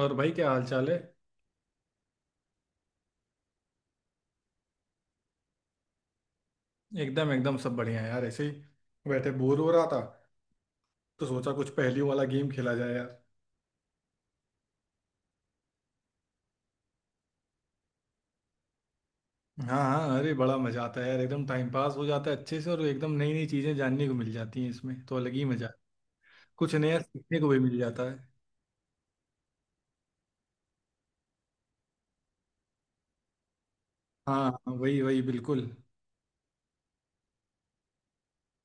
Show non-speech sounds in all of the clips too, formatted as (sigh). और भाई क्या हाल चाल है। एकदम एकदम सब बढ़िया है यार, ऐसे ही बैठे बोर हो रहा था तो सोचा कुछ पहेलियों वाला गेम खेला जाए यार। हाँ हाँ, अरे बड़ा मजा आता है यार, एकदम टाइम पास हो जाता है अच्छे से और एकदम नई नई चीजें जानने को मिल जाती हैं, इसमें तो अलग ही मजा है। कुछ नया सीखने को भी मिल जाता है। हाँ हाँ, वही वही बिल्कुल।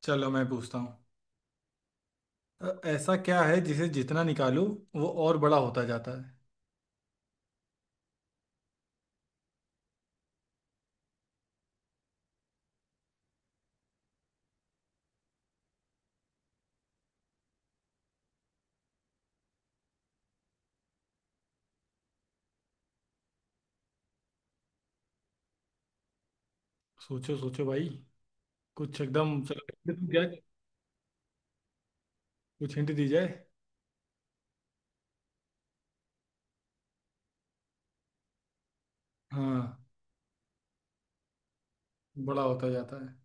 चलो मैं पूछता हूँ। ऐसा क्या है जिसे जितना निकालो वो और बड़ा होता जाता है। सोचो सोचो भाई, कुछ एकदम, चलो तुम क्या, कुछ हिंट दी जाए। हाँ बड़ा होता जाता है।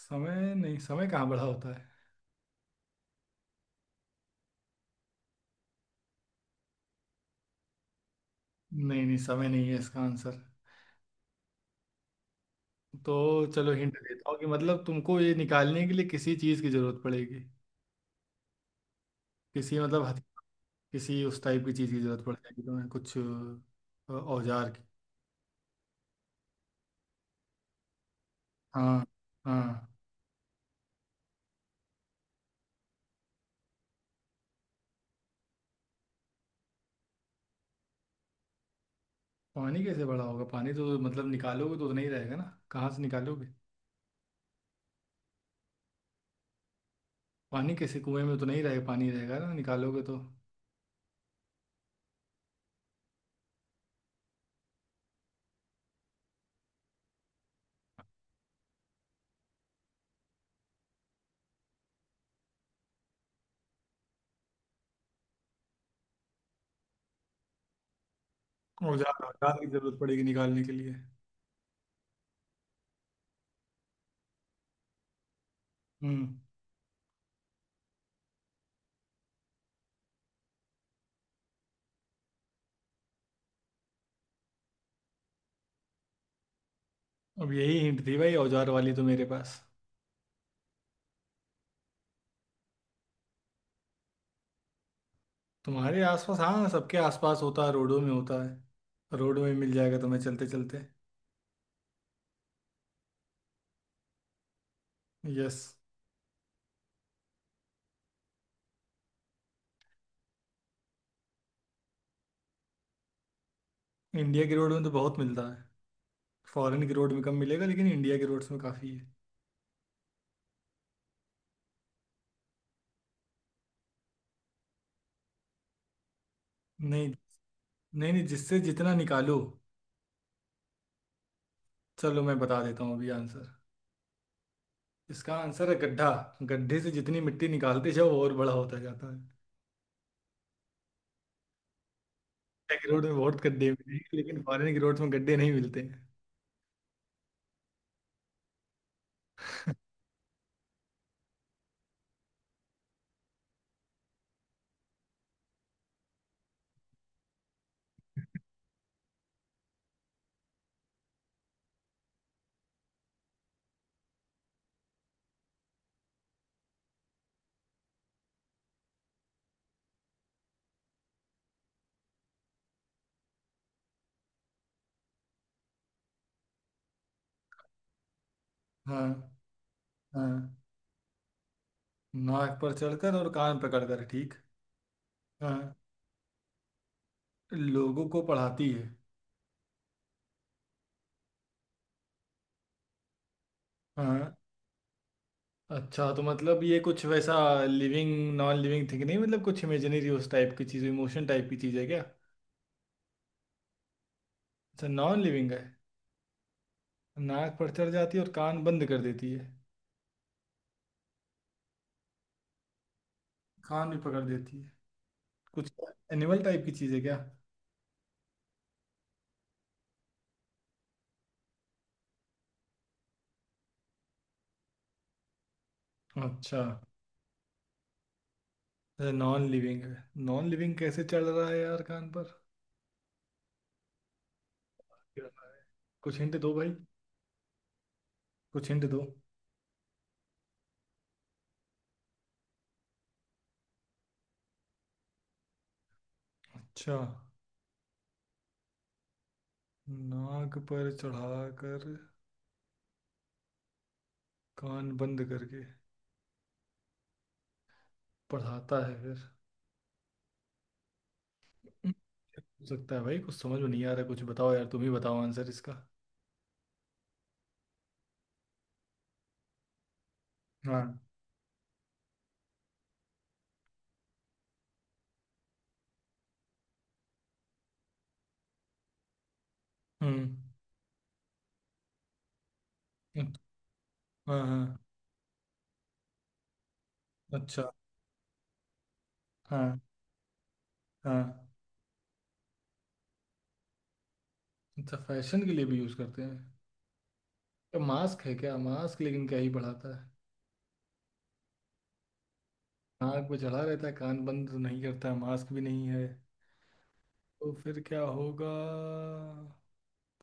समय नहीं, समय कहाँ बड़ा होता है। नहीं नहीं, समय नहीं है इसका आंसर। तो चलो हिंट देता हूँ कि मतलब तुमको ये निकालने के लिए किसी चीज़ की जरूरत पड़ेगी। किसी मतलब किसी उस टाइप की चीज़ की जरूरत पड़ जाएगी तुम्हें, कुछ औजार की। हाँ। हाँ। पानी कैसे बड़ा होगा, पानी तो मतलब निकालोगे तो उतना ही रहेगा ना। कहाँ से निकालोगे। पानी कैसे, कुएं में तो नहीं रहेगा पानी, रहेगा ना निकालोगे तो। औजार औजार की जरूरत पड़ेगी निकालने के लिए। हम्म। अब यही हिंट थी भाई औजार वाली तो मेरे पास। तुम्हारे आसपास हाँ, सबके आसपास होता है, रोडों में होता है, रोडों में मिल जाएगा तुम्हें चलते चलते। यस। इंडिया की रोड में तो बहुत मिलता है। फॉरेन की रोड में कम मिलेगा लेकिन इंडिया की रोड्स में काफ़ी है। नहीं। नहीं जिससे जितना निकालो। चलो मैं बता देता हूँ अभी आंसर। इसका आंसर है गड्ढा। गड्ढे से जितनी मिट्टी निकालते जाओ वो और बड़ा होता जाता है। इंडिया की रोड में बहुत गड्ढे मिलेंगे लेकिन फॉरेन की रोड्स में गड्ढे नहीं मिलते हैं। हाँ। हाँ नाक पर चढ़कर और कान पकड़कर ठीक। हाँ। लोगों को पढ़ाती है। हाँ। अच्छा तो मतलब ये कुछ वैसा लिविंग, नॉन लिविंग थिंग नहीं, मतलब कुछ इमेजिनरी उस टाइप की चीज़, इमोशन टाइप की चीज़ है क्या। अच्छा नॉन लिविंग है। नाक पर चढ़ जाती है और कान बंद कर देती है। कान भी पकड़ देती है। कुछ एनिमल टाइप की चीज़ है क्या। अच्छा। अच्छा नॉन लिविंग है। नॉन लिविंग कैसे चढ़ रहा है यार कान पर। कुछ हिंट दो भाई। कुछ हिंट दो। अच्छा। नाक पर चढ़ाकर कान बंद करके पढ़ाता है फिर। हो सकता है भाई, कुछ समझ में नहीं आ रहा, कुछ बताओ यार, तुम ही बताओ आंसर इसका। हाँ। हम्म। हाँ। हाँ हाँ, अच्छा। हाँ। हाँ अच्छा फैशन के लिए भी यूज करते हैं। तो मास्क है क्या, मास्क लेकिन क्या ही बढ़ाता है। नाक पे चढ़ा रहता है कान बंद तो नहीं करता है, मास्क भी नहीं है। तो फिर क्या होगा।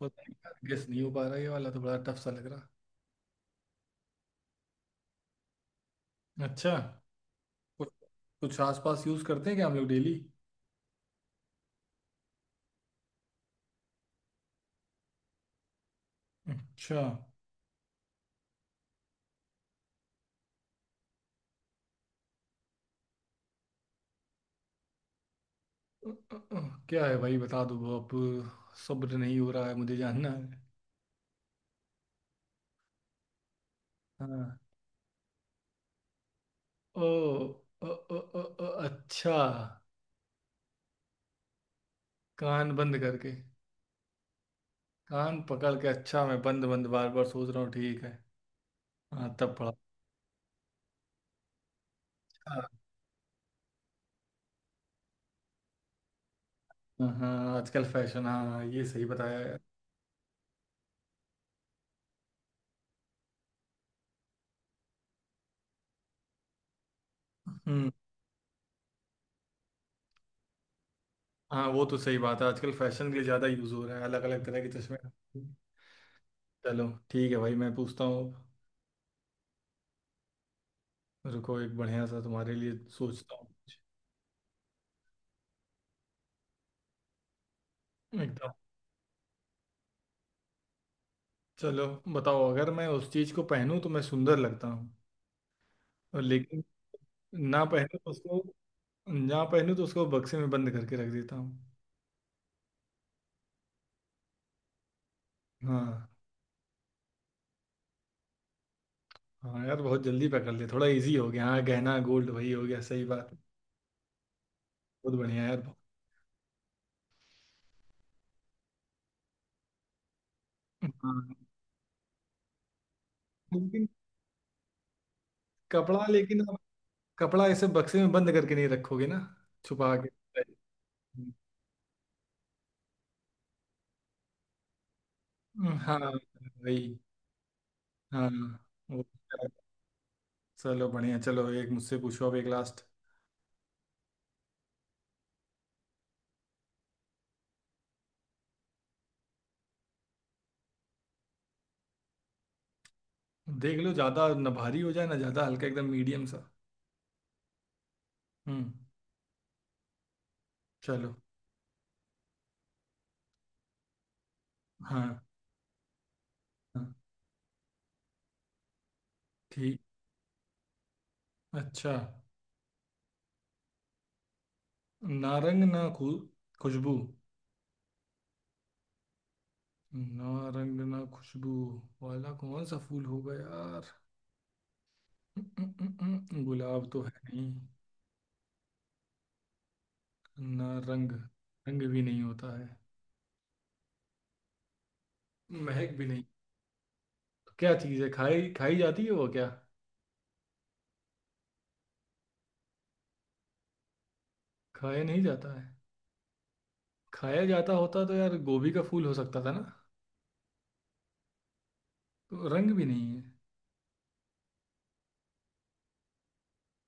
पता नहीं यार, गेस नहीं हो पा रहा, ये वाला तो बड़ा टफ सा लग रहा। अच्छा। कुछ कुछ आसपास यूज करते हैं क्या हम लोग डेली। अच्छा। क्या है भाई बता दो अब। सब्र नहीं हो रहा है, मुझे जानना है। हाँ। ओ, ओ, ओ, ओ, ओ, अच्छा। कान बंद करके कान पकड़ के अच्छा, मैं बंद बंद बार बार सोच रहा हूँ ठीक है। हाँ तब पढ़ा। अच्छा। हाँ हाँ, आजकल फैशन, हाँ ये सही बताया यार। हम्म। हाँ वो तो सही बात है, आजकल फैशन के लिए ज़्यादा यूज़ हो रहा है अलग अलग तरह के चश्मे। चलो ठीक है भाई, मैं पूछता हूँ। रुको एक बढ़िया सा तुम्हारे लिए सोचता हूँ कुछ। एकदम। चलो बताओ, अगर मैं उस चीज को पहनूं तो मैं सुंदर लगता हूँ और लेकिन ना पहनूं तो उसको, ना पहनूं तो उसको बक्से में बंद करके रख देता हूँ। हाँ। हाँ यार बहुत जल्दी पकड़ लिया, थोड़ा इजी हो गया, हाँ गहना गोल्ड वही हो गया, सही बात। बहुत बढ़िया यार। हाँ। लेकिन कपड़ा लेकिन आप, कपड़ा ऐसे बक्से में बंद करके नहीं रखोगे ना, छुपा के। हम्म, हाँ, वही। हाँ। वो- चलो बढ़िया, चलो एक मुझसे पूछो अब एक लास्ट। देख लो ज्यादा ना भारी हो जाए ना ज्यादा हल्का, एकदम मीडियम सा। हम्म। चलो। हाँ। हाँ। ठीक। अच्छा। ना रंग ना खु खुशबू। ना रंग ना खुशबू वाला कौन सा फूल होगा यार। उम, उम, गुलाब तो है नहीं। ना रंग। रंग भी नहीं होता है। महक भी नहीं। क्या चीज़ है, खाई खाई जाती है वो क्या। खाया नहीं जाता है। खाया जाता होता तो यार गोभी का फूल हो सकता था ना। तो रंग भी नहीं है।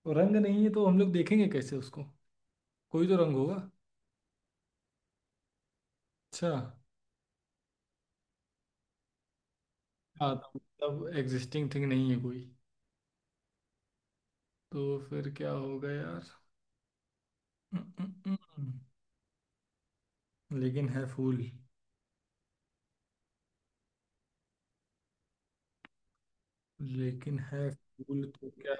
तो रंग नहीं है तो हम लोग देखेंगे कैसे उसको, कोई तो रंग होगा। अच्छा। हाँ तो मतलब एग्जिस्टिंग थिंग नहीं है कोई, तो फिर क्या होगा यार। हम्म, हम्म, हम्म। लेकिन है फूल। लेकिन है फूल तो क्या।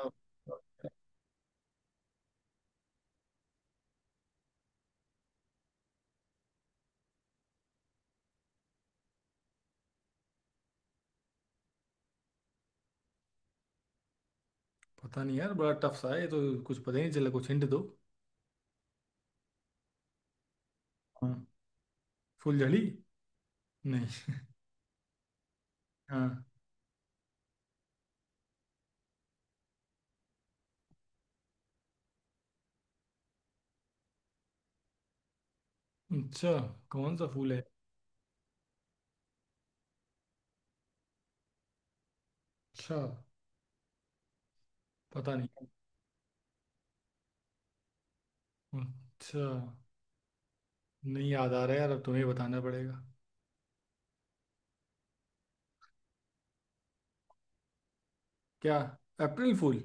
पता नहीं यार, बड़ा टफ सा है ये तो, कुछ पता ही नहीं चला, कुछ हिंट दो। हाँ। फूलझड़ी। नहीं (laughs) हाँ। अच्छा कौन सा फूल है। अच्छा। पता नहीं। अच्छा नहीं याद आ रहा यार, अब तुम्हें बताना पड़ेगा। क्या, अप्रैल फूल।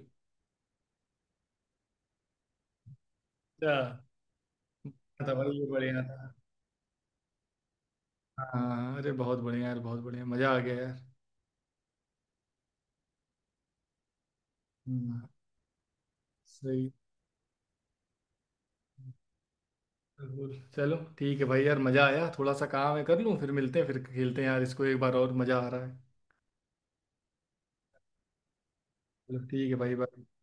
अच्छा, था भाई, ये बढ़िया था। हाँ, अरे बहुत बढ़िया यार, बहुत बढ़िया, मजा आ गया यार। हम्म, सही। जरूर। चलो ठीक है भाई, यार मजा आया, थोड़ा सा काम है कर लूँ, फिर मिलते हैं, फिर खेलते हैं यार इसको एक बार, और मजा आ रहा है। चलो ठीक है भाई, बाय।